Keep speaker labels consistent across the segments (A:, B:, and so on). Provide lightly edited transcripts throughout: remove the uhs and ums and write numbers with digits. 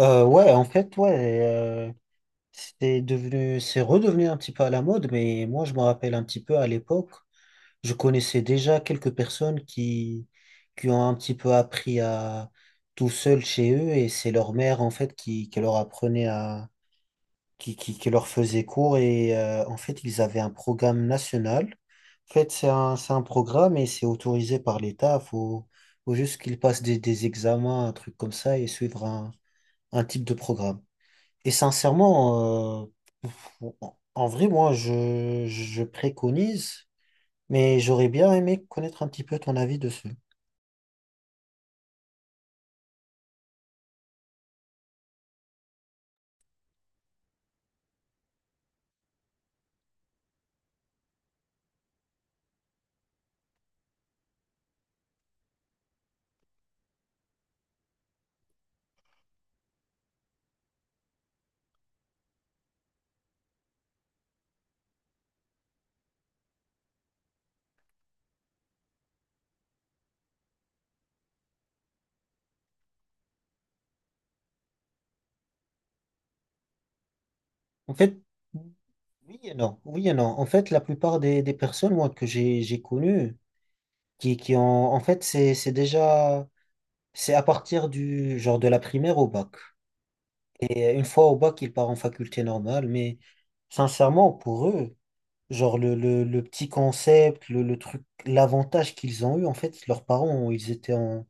A: Ouais, en fait, ouais, euh, c'est redevenu un petit peu à la mode, mais moi, je me rappelle un petit peu à l'époque, je connaissais déjà quelques personnes qui ont un petit peu appris à tout seul chez eux, et c'est leur mère, en fait, qui leur apprenait à, qui leur faisait cours, et en fait, ils avaient un programme national. En fait, c'est un programme et c'est autorisé par l'État, faut juste qu'ils passent des examens, un truc comme ça, et suivre un type de programme. Et sincèrement, en vrai, moi, je préconise, mais j'aurais bien aimé connaître un petit peu ton avis dessus. En fait, oui et non. Oui et non. En fait, la plupart des personnes, moi, que j'ai connues, qui ont, en fait, c'est à partir du, genre, de la primaire au bac. Et une fois au bac, ils partent en faculté normale, mais sincèrement, pour eux, genre, le petit concept, le truc, l'avantage qu'ils ont eu, en fait, leurs parents, ils étaient en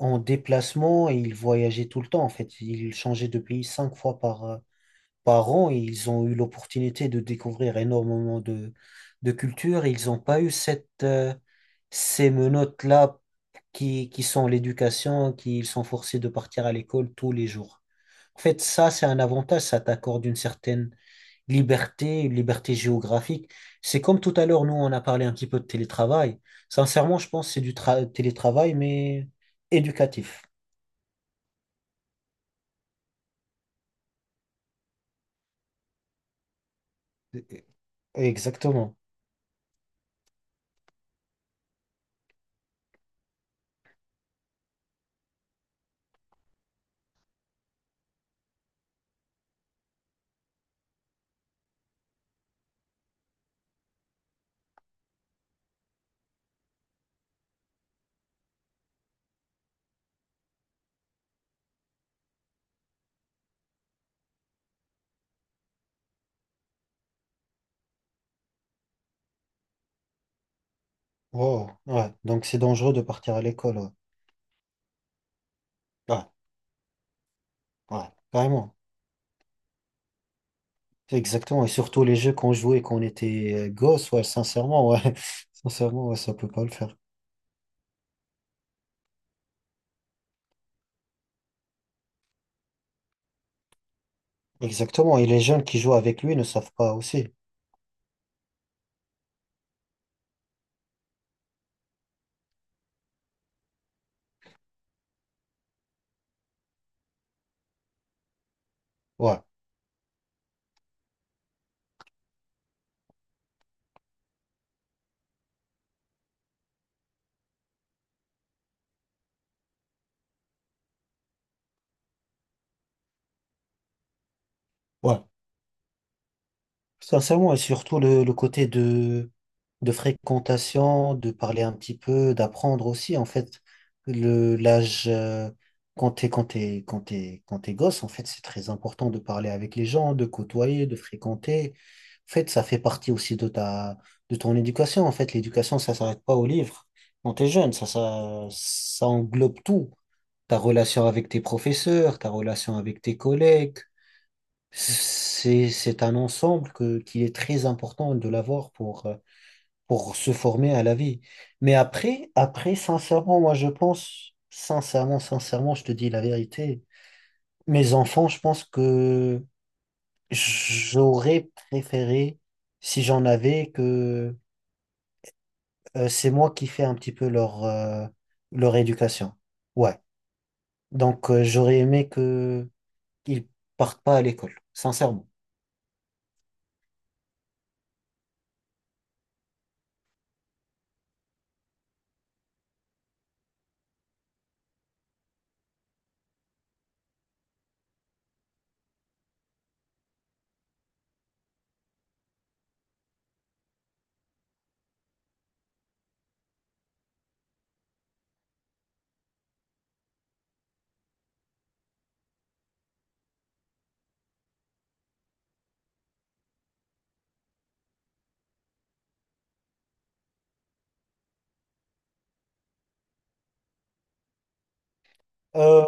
A: en déplacement et ils voyageaient tout le temps. En fait, ils changeaient de pays 5 fois par an et ils ont eu l'opportunité de découvrir énormément de cultures. Ils n'ont pas eu ces menottes-là qui sont l'éducation, qui ils sont forcés de partir à l'école tous les jours. En fait, ça, c'est un avantage, ça t'accorde une certaine liberté, une liberté géographique. C'est comme tout à l'heure, nous, on a parlé un petit peu de télétravail. Sincèrement, je pense que c'est télétravail, mais éducatif. Exactement. Wow. Ouais. Donc c'est dangereux de partir à l'école. Ouais. Ouais. Ouais. Carrément. Exactement. Et surtout les jeux qu'on jouait quand on était gosse, ouais, sincèrement, ouais. Sincèrement, ouais, ça peut pas le faire. Exactement. Et les jeunes qui jouent avec lui ne savent pas aussi. Ouais. Ouais. Sincèrement, et surtout le côté de fréquentation, de parler un petit peu, d'apprendre aussi, en fait, l'âge, quand t'es gosse, en fait, c'est très important de parler avec les gens, de côtoyer, de fréquenter. En fait, ça fait partie aussi de ton éducation. En fait, l'éducation, ça s'arrête pas au livre. Quand t'es jeune, ça englobe tout. Ta relation avec tes professeurs, ta relation avec tes collègues, c'est un ensemble qui est très important de l'avoir pour se former à la vie. Mais après, sincèrement, moi, je pense, sincèrement, je te dis la vérité. Mes enfants, je pense que j'aurais préféré, si j'en avais, que c'est moi qui fais un petit peu leur éducation. Ouais. Donc, j'aurais aimé que qu'ils partent pas à l'école, sincèrement. Euh,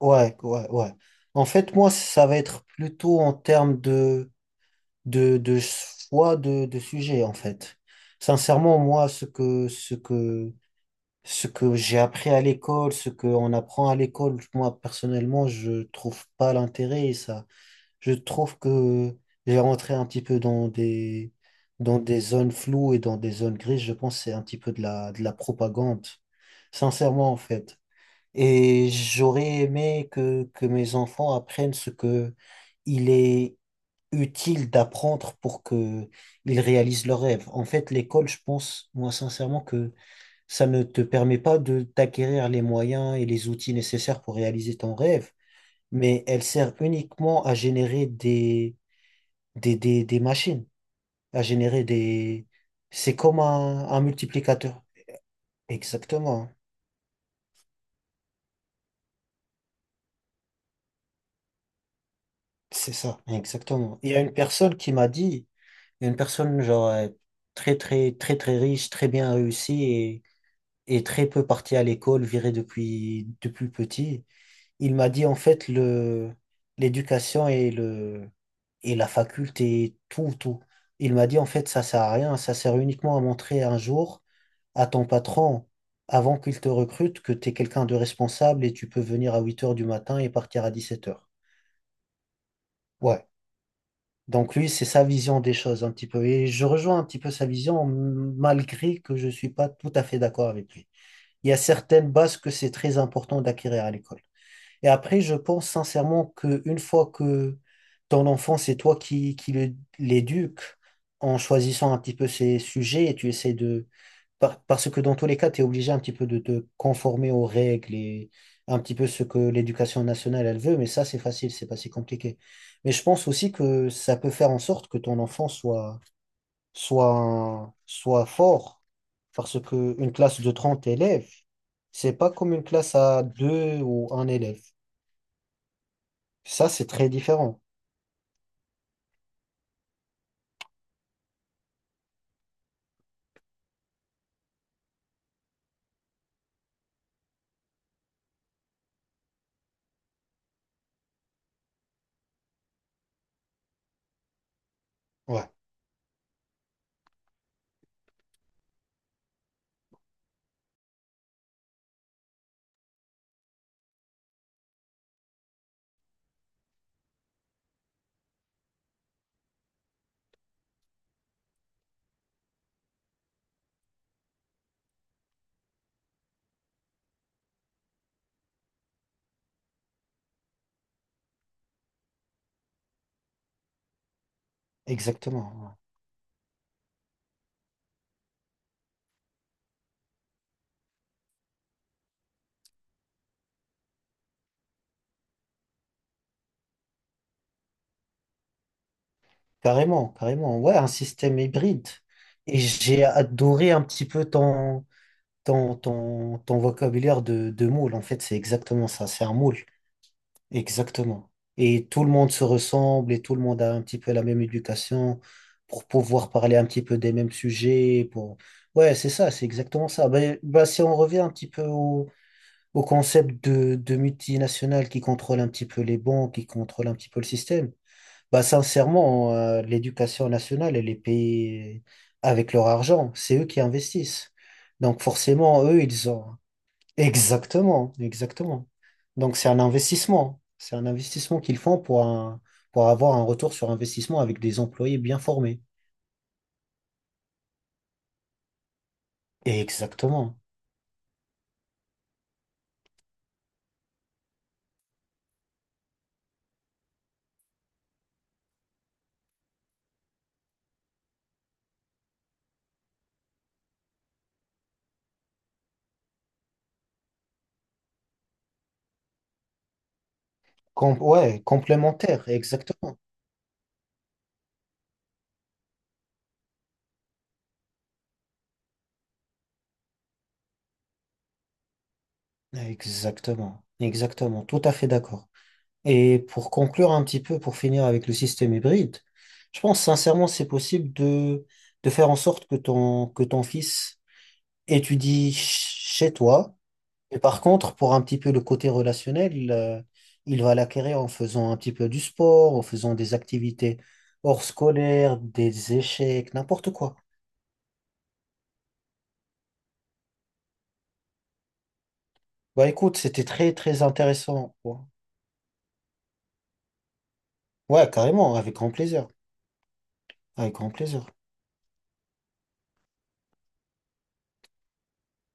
A: Ouais, ouais, ouais. En fait, moi, ça va être plutôt en termes de choix de sujet, en fait. Sincèrement, moi, ce que j'ai appris à l'école, ce qu'on apprend à l'école, moi, personnellement, je trouve pas l'intérêt et ça. Je trouve que j'ai rentré un petit peu dans des zones floues et dans des zones grises. Je pense que c'est un petit peu de la propagande. Sincèrement, en fait. Et j'aurais aimé que mes enfants apprennent ce que il est utile d'apprendre pour que ils réalisent leurs rêves. En fait, l'école, je pense, moi, sincèrement, que ça ne te permet pas de d'acquérir les moyens et les outils nécessaires pour réaliser ton rêve, mais elle sert uniquement à générer des machines, à générer des... C'est comme un multiplicateur. Exactement. C'est ça, exactement. Il y a une personne qui m'a dit, une personne genre très très très très riche, très bien réussie et très peu partie à l'école, virée depuis petit. Il m'a dit en fait le l'éducation et la faculté, tout tout. Il m'a dit en fait ça sert à rien, ça sert uniquement à montrer un jour à ton patron avant qu'il te recrute que tu es quelqu'un de responsable et tu peux venir à 8 heures du matin et partir à 17 heures. Ouais. Donc lui, c'est sa vision des choses un petit peu. Et je rejoins un petit peu sa vision, malgré que je ne suis pas tout à fait d'accord avec lui. Il y a certaines bases que c'est très important d'acquérir à l'école. Et après, je pense sincèrement qu'une fois que ton enfant, c'est toi l'éduques en choisissant un petit peu ses sujets et tu essaies de... Parce que dans tous les cas, tu es obligé un petit peu de te conformer aux règles et un petit peu ce que l'éducation nationale, elle veut, mais ça, c'est facile, c'est pas si compliqué. Mais je pense aussi que ça peut faire en sorte que ton enfant soit fort, parce que une classe de 30 élèves, c'est pas comme une classe à deux ou un élève. Ça, c'est très différent. Ouais, exactement. Ouais. Carrément, carrément. Ouais, un système hybride. Et j'ai adoré un petit peu ton vocabulaire de moule. En fait, c'est exactement ça. C'est un moule. Exactement. Et tout le monde se ressemble et tout le monde a un petit peu la même éducation pour pouvoir parler un petit peu des mêmes sujets. Pour... Ouais, c'est ça, c'est exactement ça. Ben, si on revient un petit peu au concept de multinationales qui contrôle un petit peu les banques, qui contrôle un petit peu le système, bah, sincèrement, l'éducation nationale, elle est payée avec leur argent. C'est eux qui investissent. Donc, forcément, eux, ils ont. Exactement, exactement. Donc, c'est un investissement. C'est un investissement qu'ils font pour avoir un retour sur investissement avec des employés bien formés. Exactement. Ouais, complémentaire, exactement. Exactement, exactement. Tout à fait d'accord. Et pour conclure un petit peu, pour finir avec le système hybride, je pense sincèrement c'est possible de faire en sorte que que ton fils étudie chez toi. Et par contre, pour un petit peu le côté relationnel, il va l'acquérir en faisant un petit peu du sport, en faisant des activités hors scolaires, des échecs, n'importe quoi. Bah écoute, c'était très très intéressant. Ouais, carrément, avec grand plaisir. Avec grand plaisir.